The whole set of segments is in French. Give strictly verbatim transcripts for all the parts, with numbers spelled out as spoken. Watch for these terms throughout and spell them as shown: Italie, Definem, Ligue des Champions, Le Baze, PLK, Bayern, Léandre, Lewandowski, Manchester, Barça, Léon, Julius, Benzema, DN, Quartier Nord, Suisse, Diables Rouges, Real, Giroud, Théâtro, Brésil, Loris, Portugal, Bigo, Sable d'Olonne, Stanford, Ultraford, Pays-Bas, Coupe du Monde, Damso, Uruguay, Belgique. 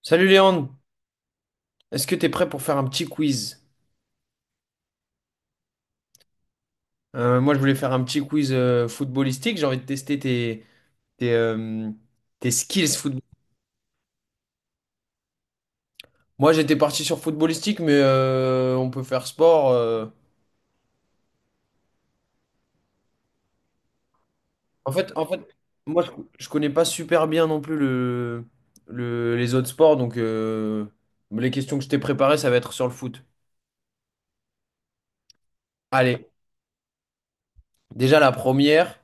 Salut Léandre, est-ce que t'es prêt pour faire un petit quiz? Euh, moi je voulais faire un petit quiz euh, footballistique, j'ai envie de tester tes, tes, euh, tes skills football. Moi j'étais parti sur footballistique mais euh, on peut faire sport. euh. En fait, en fait, moi je, je connais pas super bien non plus le, le- les autres sports donc euh, les questions que je t'ai préparées ça va être sur le foot. Allez, déjà la première,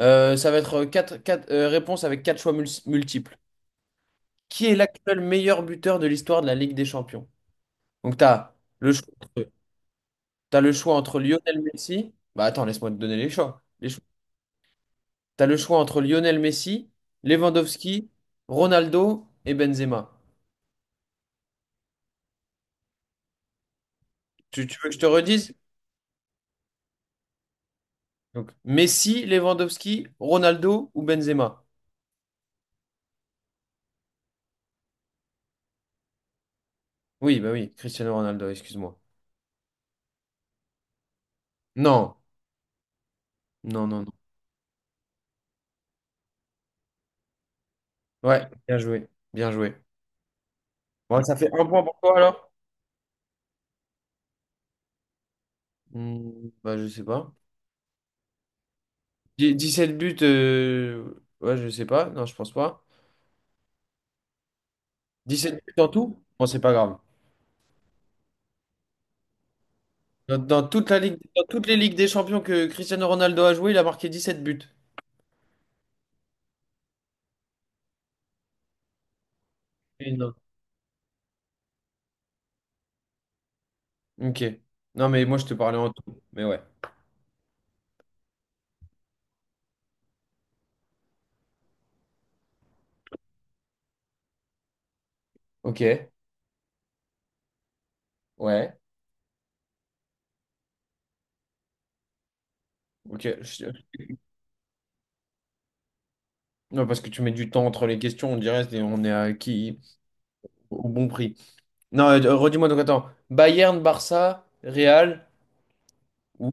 euh, ça va être quatre, quatre, euh, réponses avec quatre choix mul- multiples. Qui est l'actuel meilleur buteur de l'histoire de la Ligue des Champions? Donc, tu as le choix entre, t'as le choix entre Lionel Messi. Bah attends, laisse-moi te donner les choix. Les choix. Tu le choix entre Lionel Messi, Lewandowski, Ronaldo et Benzema. Tu, tu veux que je te redise? Donc, Messi, Lewandowski, Ronaldo ou Benzema? Oui, bah oui, Cristiano Ronaldo, excuse-moi. Non, non, non, non. Ouais, bien joué, bien joué. Bon, ça fait un point pour toi alors? Hmm, bah je sais pas. Dix- sept buts, euh, ouais, je sais pas. Non, je pense pas. Dix-sept buts en tout? Bon, c'est pas grave. Dans, dans toute la ligue, dans toutes les ligues des champions que Cristiano Ronaldo a joué, il a marqué dix-sept buts. Énorme. Ok. Non, mais moi, je te parlais en tout. Mais ouais. Ok. Ouais. Ok. Je- Non, parce que tu mets du temps entre les questions, on dirait c'est- on est à qui au bon prix. Non, euh, redis-moi donc attends. Bayern, Barça, Real. Ou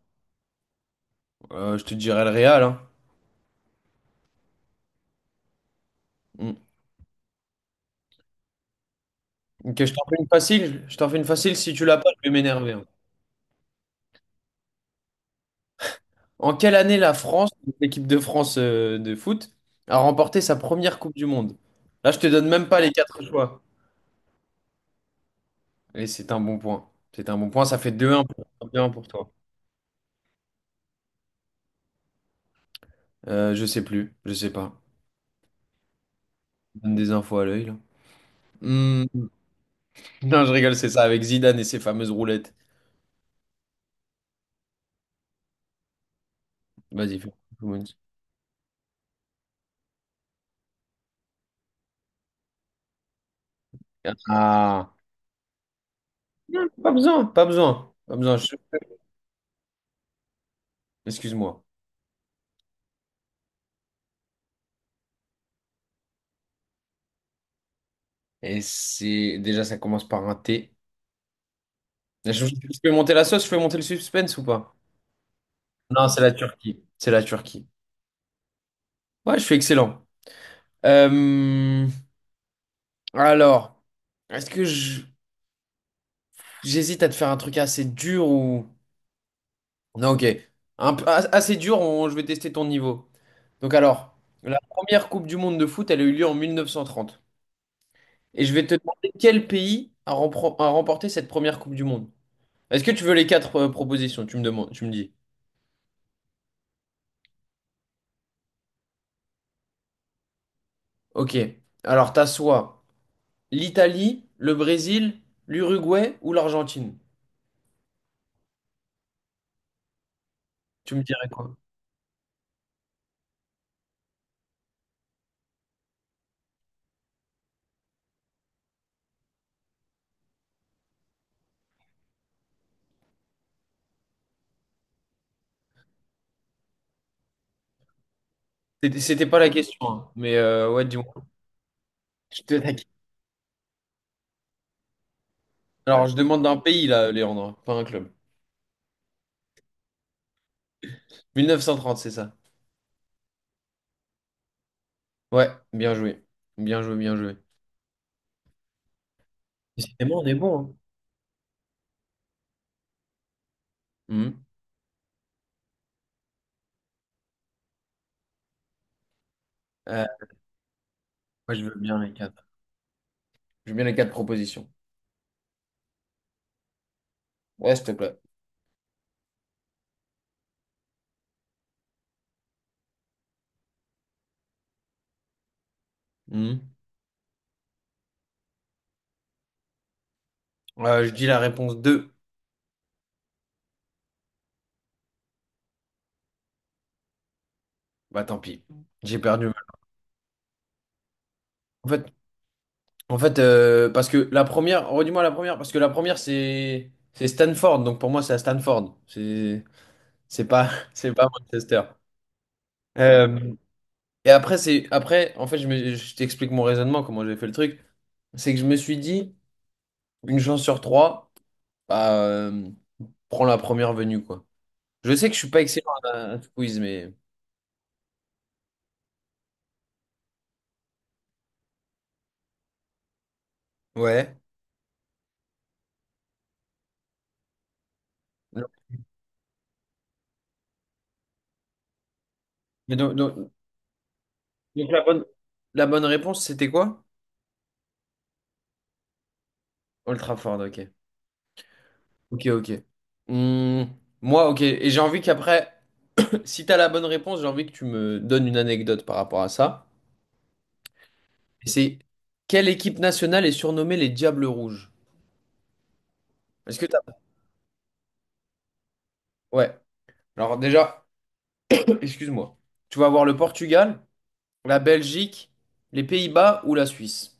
euh, Je te dirais le Real, hein. Mm. Ok, je t'en fais une facile. Je t'en fais une facile. Si tu l'as pas, je vais m'énerver, hein. En quelle année la France, l'équipe de France euh, de foot, a remporté sa première Coupe du Monde? Là, je te donne même pas les quatre choix. Et c'est un bon point. C'est un bon point. Ça fait deux un pour, deux un pour toi. Euh, je sais plus. Je sais pas. Je donne des infos à l'œil, là. Hmm. Non, je rigole, c'est ça, avec Zidane et ses fameuses roulettes. Vas-y, fais. Ah. Non, pas besoin, pas besoin. Pas besoin. je- Excuse-moi. Et c'est. Déjà, ça commence par un T. Je je peux monter la sauce, je peux monter le suspense ou pas? Non, c'est la Turquie. C'est la Turquie. Ouais, je suis excellent. Euh, alors, est-ce que je- J'hésite à te faire un truc assez dur ou... Non, ok. Un peu- as- assez dur, on- je vais tester ton niveau. Donc alors, la première Coupe du Monde de foot, elle a eu lieu en mille neuf cent trente. Et je vais te demander quel pays a, rempro- a remporté cette première Coupe du Monde. Est-ce que tu veux les quatre euh, propositions? Tu me demandes, tu me dis. Ok. Alors, t'as soit l'Italie, le Brésil, l'Uruguay ou l'Argentine. Tu me dirais quoi? C'était c'était pas la question, hein. Mais euh, ouais, dis-moi. Je te la- Alors, je demande d'un pays, là, Léandre, pas un club. Mille neuf cent trente, c'est ça. Ouais, bien joué. Bien joué, bien joué. Décidément, on est bon, hein. Mhm. Euh, Moi, je veux bien les quatre. Je veux bien les quatre propositions. Ouais, s'il te plaît. Mhm. Euh, je dis la réponse deux. Bah, tant pis. J'ai perdu. En fait, en fait euh, parce que la première, redis-moi la première, parce que la première, c'est c'est Stanford. Donc, pour moi, c'est à Stanford. C'est c'est pas, c'est pas Manchester. Euh, Et après, c'est après, en fait, je, me- je t'explique mon raisonnement, comment j'ai fait le truc. C'est que je me suis dit, une chance sur trois, bah, euh, prends la première venue, quoi. Je sais que je suis pas excellent à, à ce quiz, mais. Ouais. Non. Mais donc, donc- donc la bonne... la bonne réponse, c'était quoi? Ultraford, ok. Ok, ok. Hmm, moi, ok. Et j'ai envie qu'après, si t'as la bonne réponse, j'ai envie que tu me donnes une anecdote par rapport à ça. C'est quelle équipe nationale est surnommée les Diables Rouges? Est-ce que t'as... Ouais. Alors déjà. Excuse-moi. Tu vas avoir le Portugal, la Belgique, les Pays-Bas ou la Suisse.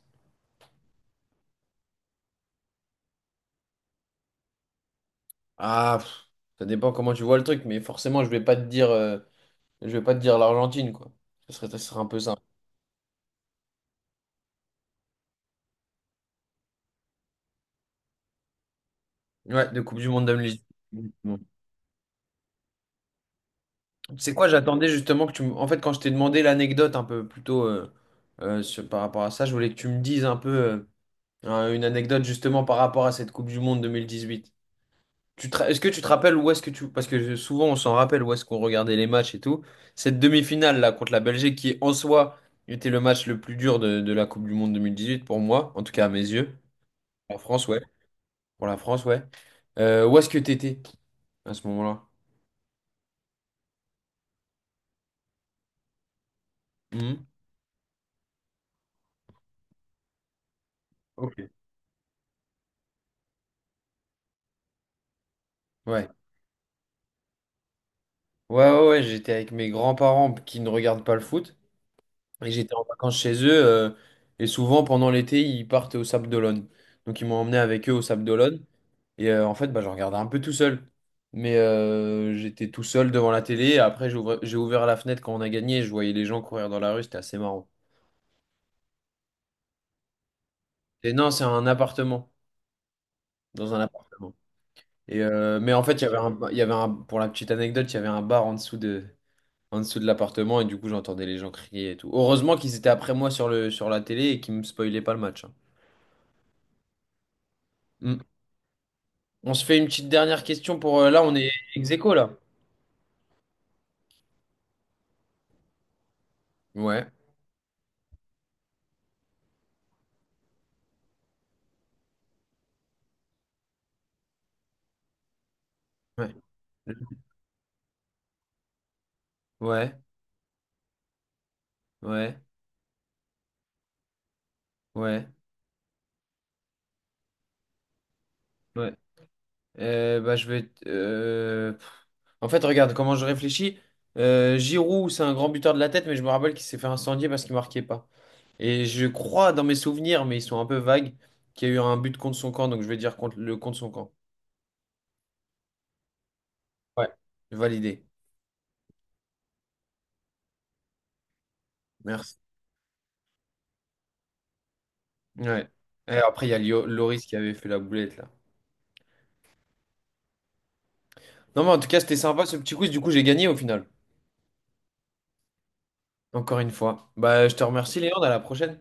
Ah, pff, ça dépend comment tu vois le truc, mais forcément, je vais pas te dire, euh, je vais pas te dire l'Argentine, quoi. Ce serait, ce serait un peu ça. Ouais, de Coupe du Monde deux mille dix-huit. Bon. Tu sais quoi, j'attendais justement que tu me... En fait, quand je t'ai demandé l'anecdote un peu plutôt euh, euh, sur- par rapport à ça, je voulais que tu me dises un peu euh, un- une anecdote justement par rapport à cette Coupe du Monde deux mille dix-huit. Tu te ra- Est-ce que tu te rappelles où est-ce que tu... Parce que souvent on s'en rappelle où est-ce qu'on regardait les matchs et tout. Cette demi-finale là contre la Belgique qui en soi était le match le plus dur de, de la Coupe du Monde deux mille dix-huit pour moi, en tout cas à mes yeux. En France, ouais. Pour la France, ouais. Euh, où est-ce que t'étais à ce moment-là? Mhm. Ok. Ouais. Ouais, ouais, ouais, j'étais avec mes grands-parents qui ne regardent pas le foot. Et j'étais en vacances chez eux. Euh, et souvent pendant l'été, ils partent au Sable d'Olonne. Donc ils m'ont emmené avec eux au Sable d'Olonne. Et euh, en fait, bah, je regardais un peu tout seul. Mais euh, j'étais tout seul devant la télé. Après, j'ai ouvert, j'ai ouvert la fenêtre quand on a gagné. Je voyais les gens courir dans la rue. C'était assez marrant. Et non, c'est un appartement. Dans un appartement. Et euh, mais en fait, il y avait un, il y avait un, pour la petite anecdote, il y avait un bar en dessous de, en dessous de, l'appartement. Et du coup, j'entendais les gens crier et tout. Heureusement qu'ils étaient après moi sur le, sur la télé et qu'ils me spoilaient pas le match, hein. Mm. On se fait une petite dernière question pour, euh, là, on est ex aequo, là. Ouais. Ouais. Ouais. Ouais. Ouais. Ouais. Euh, bah, je vais. t- euh, En fait, regarde comment je réfléchis. Euh, Giroud, c'est un grand buteur de la tête, mais je me rappelle qu'il s'est fait incendier parce qu'il marquait pas. Et je crois dans mes souvenirs, mais ils sont un peu vagues, qu'il y a eu un but contre son camp, donc je vais dire contre le contre son camp. Ouais. Validé. Merci. Ouais. Et après, il y a Lio- Loris qui avait fait la boulette là. Non, mais en tout cas, c'était sympa ce petit quiz. Du coup, j'ai gagné au final. Encore une fois. Bah, je te remercie, Léon. À la prochaine.